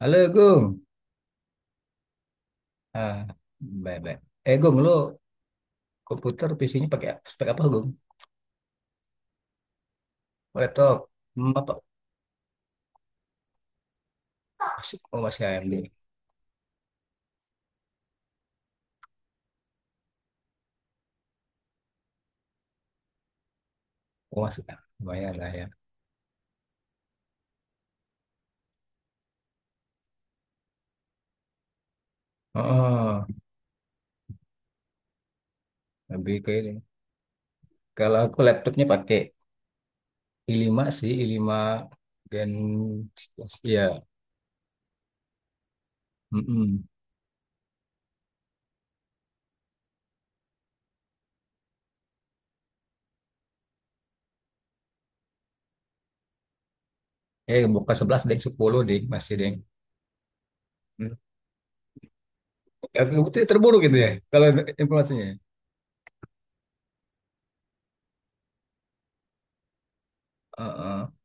Halo Gung. Ah, baik baik. Eh Gung, lu komputer PC-nya pakai spek apa Gung? Laptop. Hmm, apa? Masih, oh masih AMD. Oh masih. Ah, lumayan lah ya. Oh, lebih ke ini. Kalau aku laptopnya pakai i lima sih, i lima Gen ya. Mm-mm. Eh bukan 11 deng 10 deh, masih deng. Hmm. Aku betul terburuk gitu ya kalau informasinya. Ah, ah.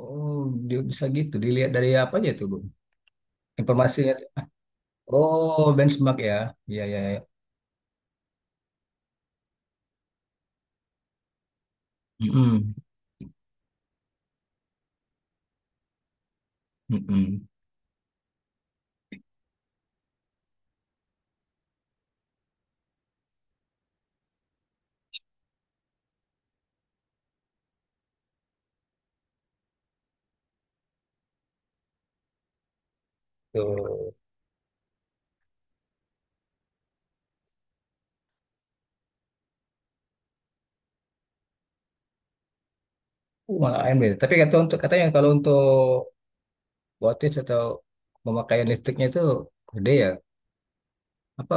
Oh, dia bisa gitu. Dilihat dari apa aja tuh, Gung? Informasinya. Oh, benchmark ya. Iya, iya, iya. Mm-mm. Mm-mm. Tuh. Malah AMD. Tapi katanya kalau untuk wattage atau pemakaian listriknya itu gede ya. Apa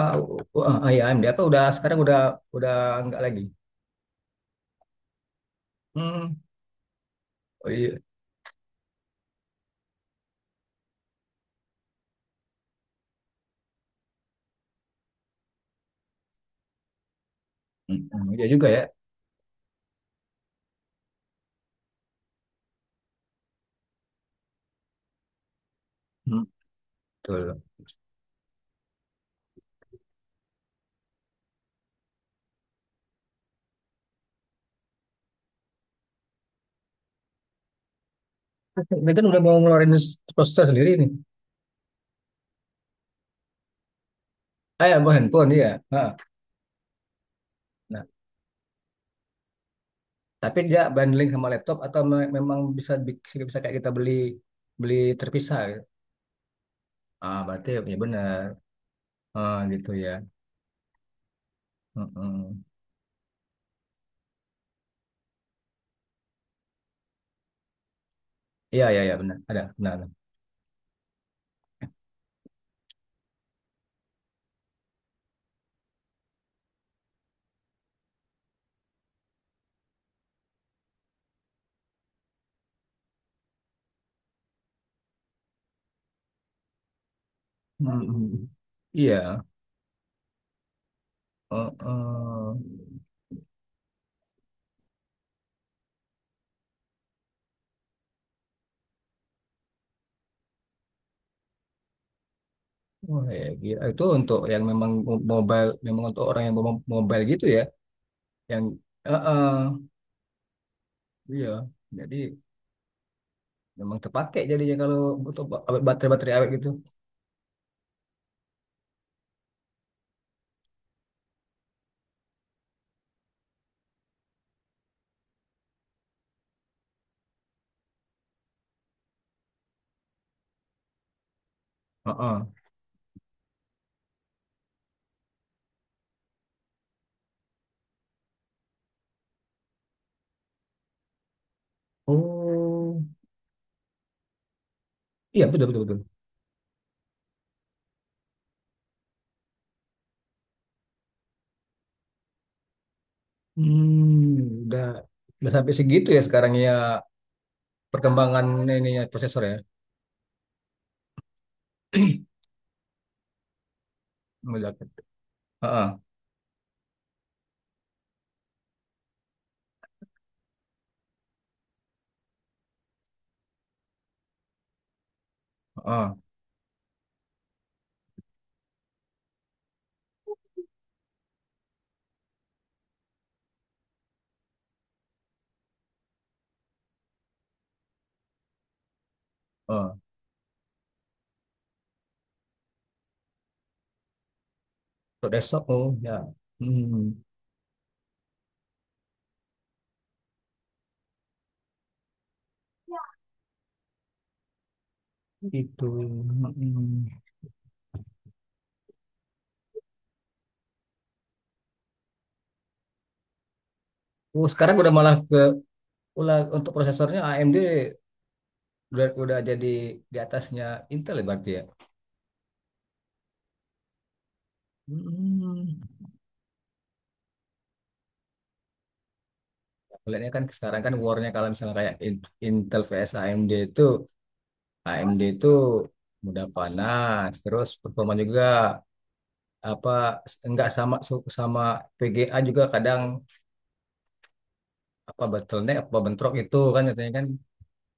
ah, ya AMD, apa udah sekarang udah enggak lagi. Hmm. Oh iya. Hmm, iya juga ya. Mm. Betul. Ini kan udah mau ngeluarin prosesor sendiri nih. Ah ya, mau handphone iya. Ha. Nah, tapi dia bundling sama laptop atau memang bisa bisa kayak kita beli beli terpisah. Ah, berarti ya benar. Ah, gitu ya. Mm-mm. Iya, iya, iya benar. Ada, benar. Mm-mm. Iya. Uh-uh. Wah, ya, gila. Itu untuk yang memang mobile, memang untuk orang yang mobile gitu ya, yang uh-uh. Iya. Jadi memang terpakai jadinya kalau untuk baterai-baterai awet gitu. Uh-uh. Oh, iya betul betul betul. Hmm, udah sampai segitu ya sekarang ya, perkembangan ininya prosesor ya. Udah. Heeh, heeh. Oh, untuk desktop oh ya. Hmm, itu. mm Oh, sekarang udah malah ke ulah untuk prosesornya AMD udah jadi di atasnya Intel ya berarti ya. Hmm. Kelihatannya kan sekarang kan warnya kalau misalnya kayak Intel vs AMD itu, AMD itu mudah panas terus performa juga apa enggak sama sama VGA juga kadang apa bottleneck apa bentrok itu kan katanya kan.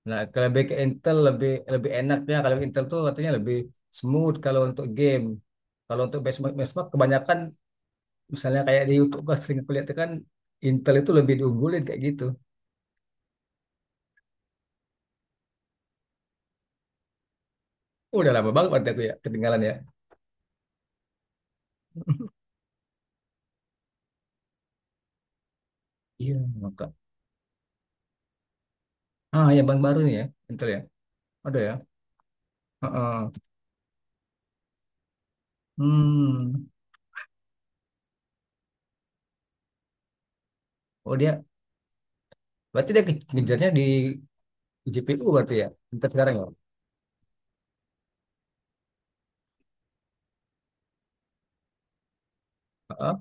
Nah, kalau back ke Intel lebih lebih enaknya kalau Intel tuh katanya lebih smooth kalau untuk game. Kalau untuk benchmark benchmark kebanyakan misalnya kayak di YouTube gua sering kulihat tuh kan Intel itu lebih diunggulin kayak gitu. Udah lama banget waktu itu ya ketinggalan ya. Iya, maka. Ah, ya bank baru nih ya, Intel ya. Ada ya. Heeh. Hmm. Oh dia, berarti dia ngejarnya di GPU berarti ya, Intel sekarang ya. Heeh.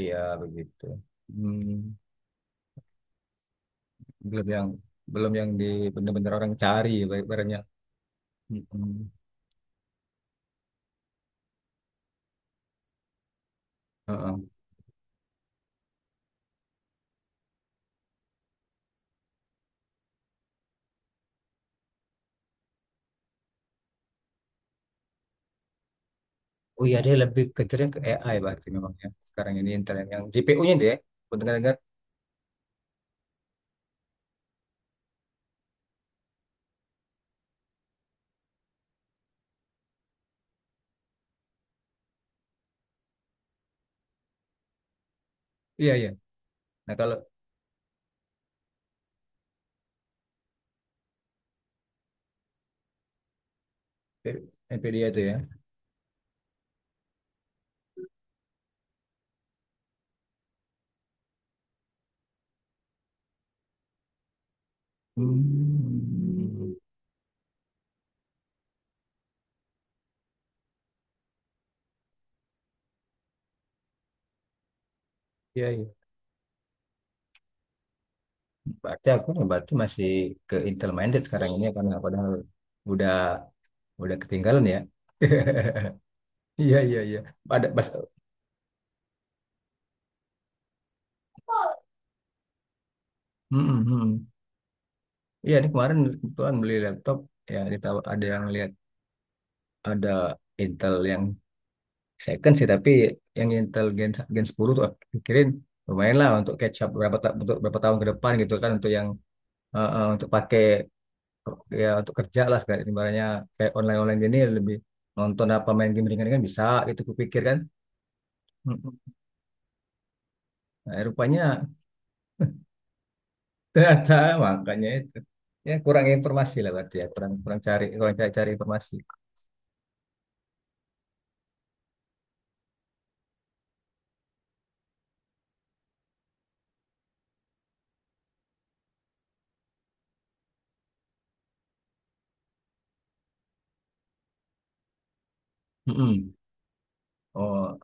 Iya begitu. Hmm. Belum yang belum yang di bener-bener orang cari barangnya. Mm-mm. Heeh. Oh iya dia lebih kejarnya ke AI berarti memang ya sekarang ini internet yang GPU-nya dia aku dengar-dengar iya iya nah kalau P- NVIDIA itu ya. Hmm. Iya iya berarti aku nih, berarti masih ke Intel minded sekarang ini ya, karena padahal udah udah ketinggalan ya. Iya iya iya ada pas. Mm-mm, iya, ini kemarin kebetulan beli laptop, ya kita ada yang lihat ada Intel yang second sih, tapi yang Intel Gen 10 tuh aku pikirin lumayan lah untuk catch up untuk berapa tahun ke depan gitu kan, untuk yang untuk pakai ya untuk kerja lah sekarang ibaratnya kayak online online gini, lebih nonton apa main game ringan-ringan bisa gitu kupikir kan. Mm-mm. Nah, rupanya ternyata makanya itu, ya kurang informasi lah berarti ya, kurang kurang cari, kurang cari, cari informasi. Mm-mm. Oh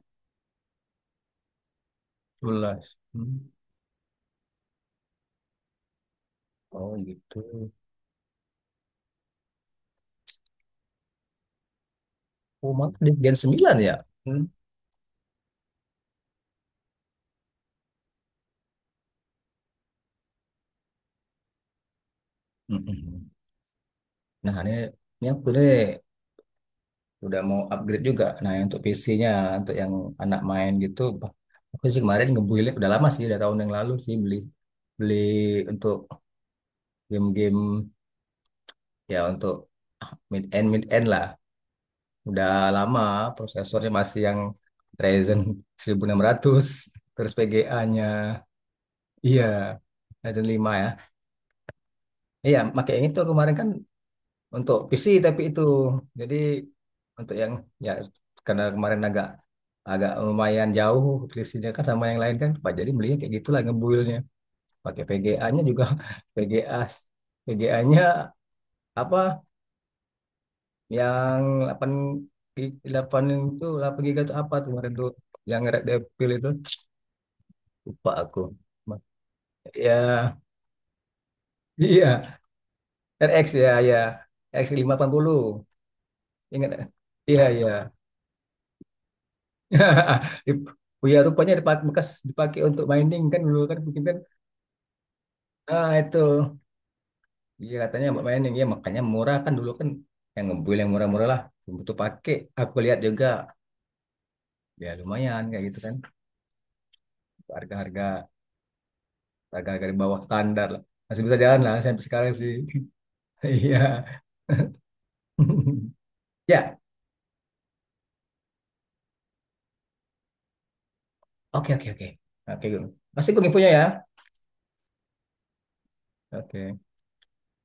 tulas. Hmm. Oh gitu. Oh mantap di Gen 9 ya. Hmm. Mm-mm. Nah, ini aku nih udah mau upgrade juga. Nah, yang untuk PC-nya, untuk yang anak main gitu. Aku sih kemarin ngebuildnya udah lama sih, udah tahun yang lalu sih beli beli untuk game-game ya, untuk mid end lah. Udah lama, prosesornya masih yang Ryzen 1600, terus VGA-nya, iya Ryzen 5 ya. Iya, makanya itu kemarin kan untuk PC tapi itu jadi untuk yang ya, karena kemarin agak agak lumayan jauh selisihnya kan sama yang lain kan Pak, jadi belinya kayak gitulah ngebuilnya. Pakai VGA-nya juga. VGA VGA-nya apa, yang 8 8 itu, 8 giga itu apa tuh kemarin tuh, yang Red Devil itu lupa aku ya iya. RX ya ya X580, 580, ingat iya iya. Oh ya rupanya dipakai bekas, dipakai untuk mining kan dulu kan mungkin kan ah itu iya, katanya buat mining ya makanya murah kan dulu kan, yang ngebuil yang murah-murah lah, butuh pakai aku lihat juga ya lumayan kayak gitu kan, harga-harga harga-harga di bawah standar lah, masih bisa jalan lah sampai sekarang sih. Iya. Ya, oke oke oke oke Gun. Masih gue infonya ya. Oke.